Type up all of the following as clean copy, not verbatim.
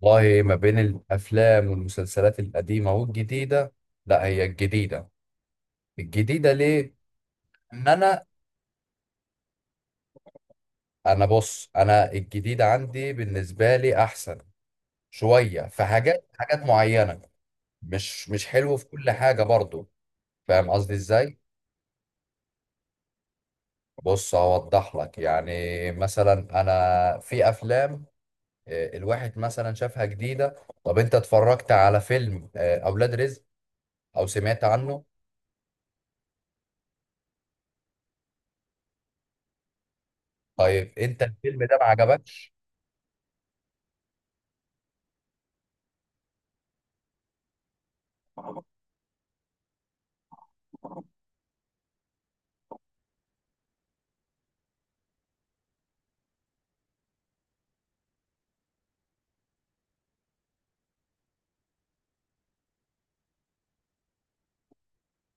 والله، ما بين الافلام والمسلسلات القديمه والجديده، لا، هي الجديده ليه؟ ان انا انا بص، انا الجديده عندي بالنسبه لي احسن شويه في حاجات معينه. مش حلو في كل حاجه برضو. فاهم قصدي ازاي؟ بص، هوضح لك يعني. مثلا انا في افلام، الواحد مثلا شافها جديده. طب انت اتفرجت على فيلم اولاد رزق او سمعت عنه؟ طيب انت الفيلم ده ما عجبكش؟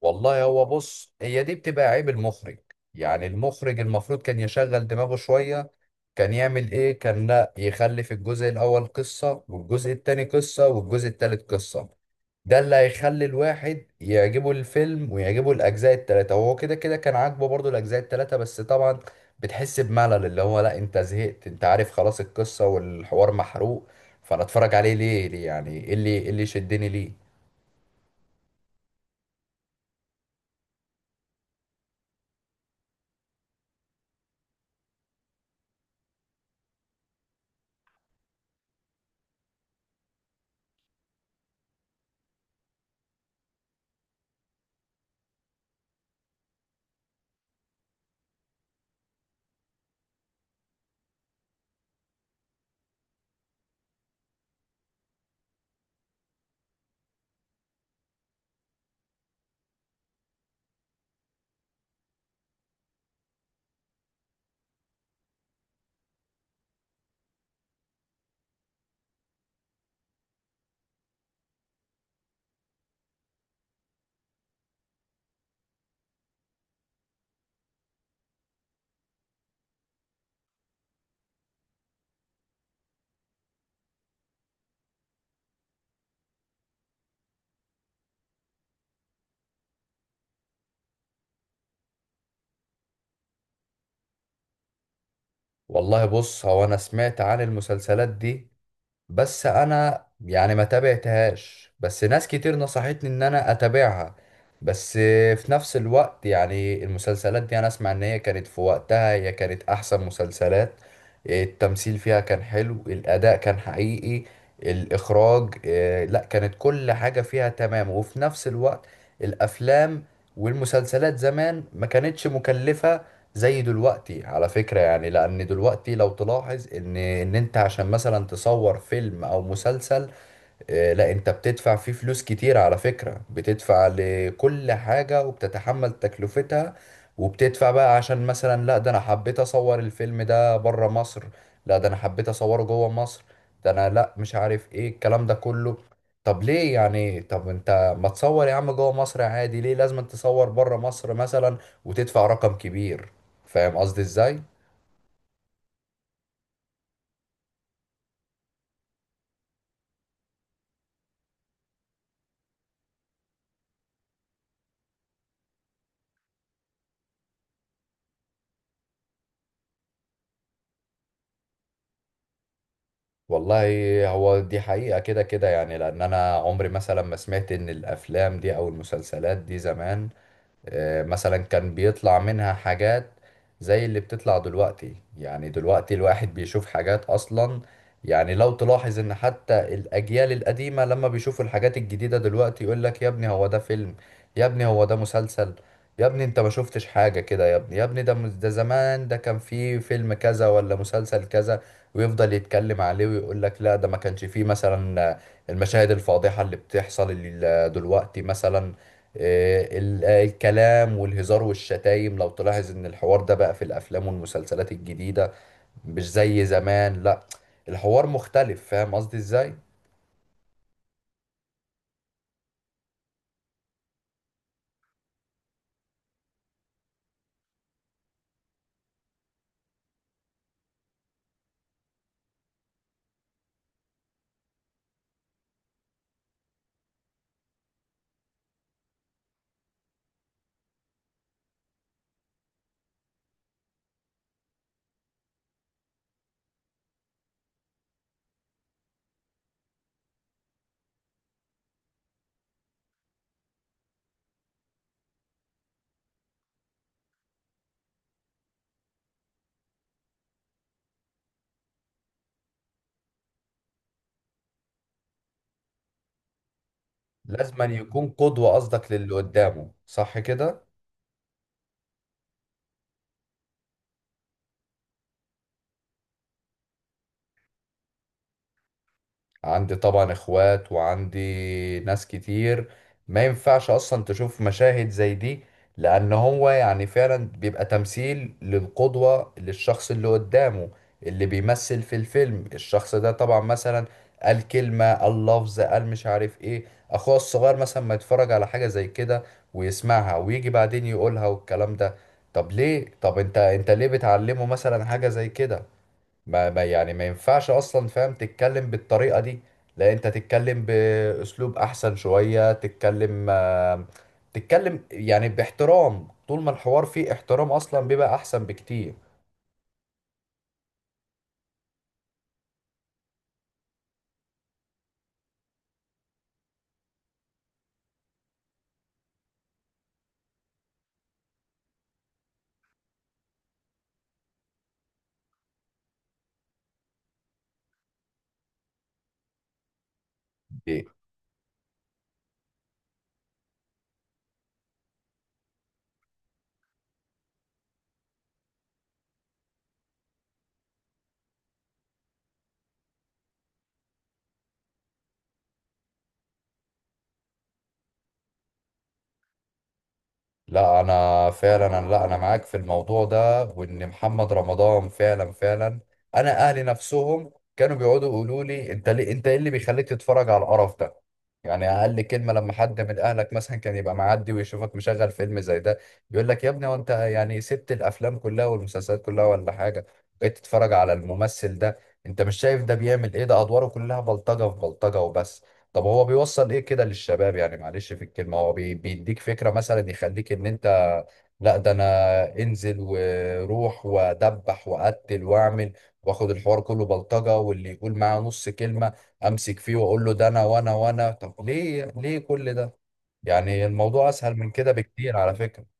والله هو، بص، هي دي بتبقى عيب المخرج. يعني المخرج المفروض كان يشغل دماغه شوية. كان يعمل ايه؟ كان لا يخلي في الجزء الاول قصة والجزء التاني قصة والجزء التالت قصة. ده اللي هيخلي الواحد يعجبه الفيلم ويعجبه الاجزاء التلاتة، وهو كده كده كان عاجبه برضو الاجزاء التلاتة. بس طبعا بتحس بملل، اللي هو لا، انت زهقت، انت عارف خلاص القصة والحوار محروق. فانا اتفرج عليه ليه، يعني ايه اللي شدني ليه؟ والله، بص، هو انا سمعت عن المسلسلات دي، بس انا يعني ما تابعتهاش. بس ناس كتير نصحتني ان انا اتابعها. بس في نفس الوقت يعني المسلسلات دي انا اسمع ان هي كانت في وقتها هي كانت احسن مسلسلات. التمثيل فيها كان حلو، الاداء كان حقيقي، الاخراج، لا، كانت كل حاجة فيها تمام. وفي نفس الوقت الافلام والمسلسلات زمان ما كانتش مكلفة زي دلوقتي، على فكرة. يعني لأن دلوقتي لو تلاحظ إن أنت عشان مثلا تصور فيلم أو مسلسل، لا، انت بتدفع فيه فلوس كتير على فكرة. بتدفع لكل حاجة وبتتحمل تكلفتها. وبتدفع بقى عشان مثلا لا، ده انا حبيت اصور الفيلم ده بره مصر، لا، ده انا حبيت اصوره جوه مصر، ده انا لا، مش عارف ايه الكلام ده كله. طب ليه يعني؟ طب انت ما تصور يا عم جوه مصر عادي، ليه لازم تصور بره مصر مثلا وتدفع رقم كبير؟ فاهم قصدي ازاي؟ والله، هو دي حقيقة كده كده، يعني لأن أنا عمري مثلا ما سمعت إن الأفلام دي أو المسلسلات دي زمان، مثلا، كان بيطلع منها حاجات زي اللي بتطلع دلوقتي. يعني دلوقتي الواحد بيشوف حاجات أصلا. يعني لو تلاحظ إن حتى الأجيال القديمة لما بيشوفوا الحاجات الجديدة دلوقتي، يقول لك يا ابني هو ده فيلم؟ يا ابني هو ده مسلسل؟ يا ابني انت ما شفتش حاجة كده. يا ابني، يا ابني ده ده زمان، ده كان فيه فيلم كذا ولا مسلسل كذا. ويفضل يتكلم عليه ويقول لك لا، ده ما كانش فيه مثلا المشاهد الفاضحة اللي بتحصل دلوقتي مثلا، الكلام والهزار والشتايم. لو تلاحظ ان الحوار ده بقى في الافلام والمسلسلات الجديدة مش زي زمان، لا، الحوار مختلف. فاهم قصدي ازاي؟ لازم أن يكون قدوة، قصدك، للي قدامه، صح كده؟ عندي طبعا اخوات وعندي ناس كتير. ما ينفعش اصلا تشوف مشاهد زي دي. لان هو يعني فعلا بيبقى تمثيل للقدوة، للشخص اللي قدامه. اللي بيمثل في الفيلم الشخص ده طبعا مثلا قال كلمة، قال لفظ، قال مش عارف ايه. اخوه الصغير مثلا ما يتفرج على حاجة زي كده ويسمعها ويجي بعدين يقولها والكلام ده. طب ليه؟ طب انت ليه بتعلمه مثلا حاجة زي كده؟ ما يعني ما ينفعش اصلا، فاهم، تتكلم بالطريقه دي. لا، انت تتكلم باسلوب احسن شويه. تتكلم يعني باحترام. طول ما الحوار فيه احترام اصلا بيبقى احسن بكتير. لا، انا فعلا، لا، انا معاك في الموضوع ده، وان محمد رمضان فعلا فعلا. انا اهلي نفسهم كانوا بيقعدوا يقولوا لي: انت ليه؟ انت ايه اللي بيخليك تتفرج على القرف ده؟ يعني اقل كلمه، لما حد من اهلك مثلا كان يبقى معدي ويشوفك مشغل فيلم زي ده، يقول لك: يا ابني، وانت يعني سبت الافلام كلها والمسلسلات كلها ولا حاجه، بقيت تتفرج على الممثل ده؟ انت مش شايف ده بيعمل ايه؟ ده ادواره كلها بلطجه في بلطجه وبس. طب هو بيوصل ايه كده للشباب؟ يعني معلش في الكلمة، هو بيديك فكرة مثلا يخليك ان انت، لا، ده انا انزل وروح وادبح واقتل واعمل، واخد الحوار كله بلطجة، واللي يقول معاه نص كلمة امسك فيه واقول له ده انا وانا وانا. طب ليه؟ ليه كل ده؟ يعني الموضوع اسهل من كده بكتير على فكرة.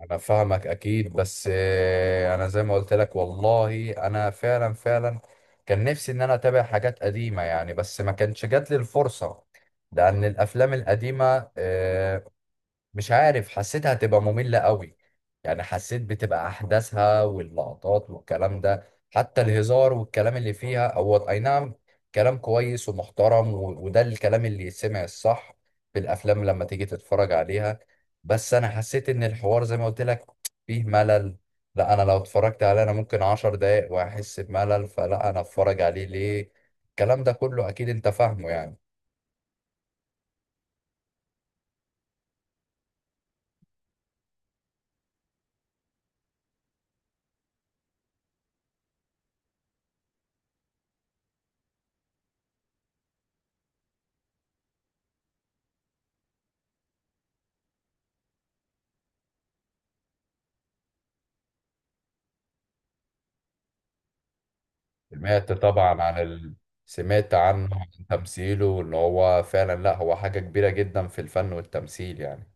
انا فاهمك اكيد، بس انا زي ما قلت لك والله انا فعلا فعلا كان نفسي ان انا اتابع حاجات قديمة يعني، بس ما كانش جات لي الفرصة. لان الافلام القديمة، مش عارف، حسيتها هتبقى مملة قوي. يعني حسيت بتبقى أحداثها واللقطات والكلام ده، حتى الهزار والكلام اللي فيها، هو أي نعم، كلام كويس ومحترم، وده الكلام اللي يسمع الصح في الأفلام لما تيجي تتفرج عليها. بس أنا حسيت إن الحوار زي ما قلت لك فيه ملل. لا، أنا لو اتفرجت عليه أنا ممكن 10 دقايق وأحس بملل. فلا، أنا أتفرج عليه ليه؟ الكلام ده كله أكيد أنت فاهمه يعني. سمعت طبعا عن ال... سمعت عنه، عن تمثيله، وان هو فعلا، لا، هو حاجة كبيرة جدا في الفن والتمثيل يعني.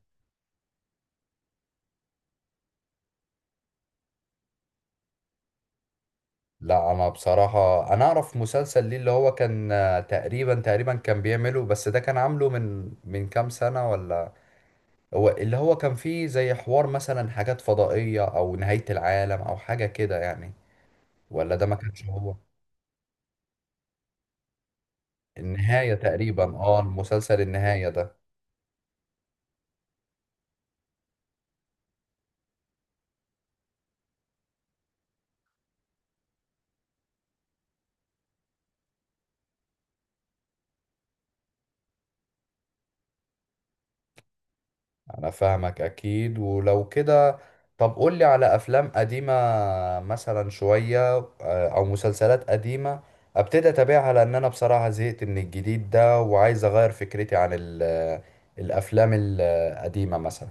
لا، انا بصراحة انا اعرف مسلسل ليه، اللي هو كان تقريبا كان بيعمله، بس ده كان عامله من كام سنة ولا. هو اللي هو كان فيه زي حوار مثلا، حاجات فضائية او نهاية العالم او حاجة كده يعني، ولا ده ما كانش هو. النهاية تقريبا، المسلسل النهاية ده. انا فاهمك اكيد. ولو كده، طب قولي على افلام قديمة مثلا شوية، او مسلسلات قديمة ابتدي اتابعها، لان انا بصراحة زهقت من الجديد ده وعايز اغير فكرتي عن الافلام القديمة مثلا.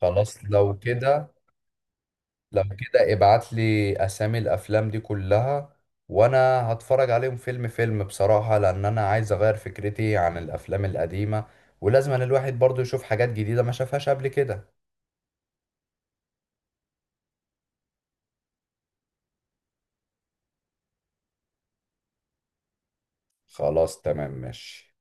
خلاص، لو كده، لو كده ابعت لي اسامي الافلام دي كلها وانا هتفرج عليهم فيلم فيلم بصراحة، لان انا عايز اغير فكرتي عن الافلام القديمة. ولازم أن الواحد برضو يشوف حاجات جديدة ما شافهاش قبل كده. خلاص، تمام، ماشي.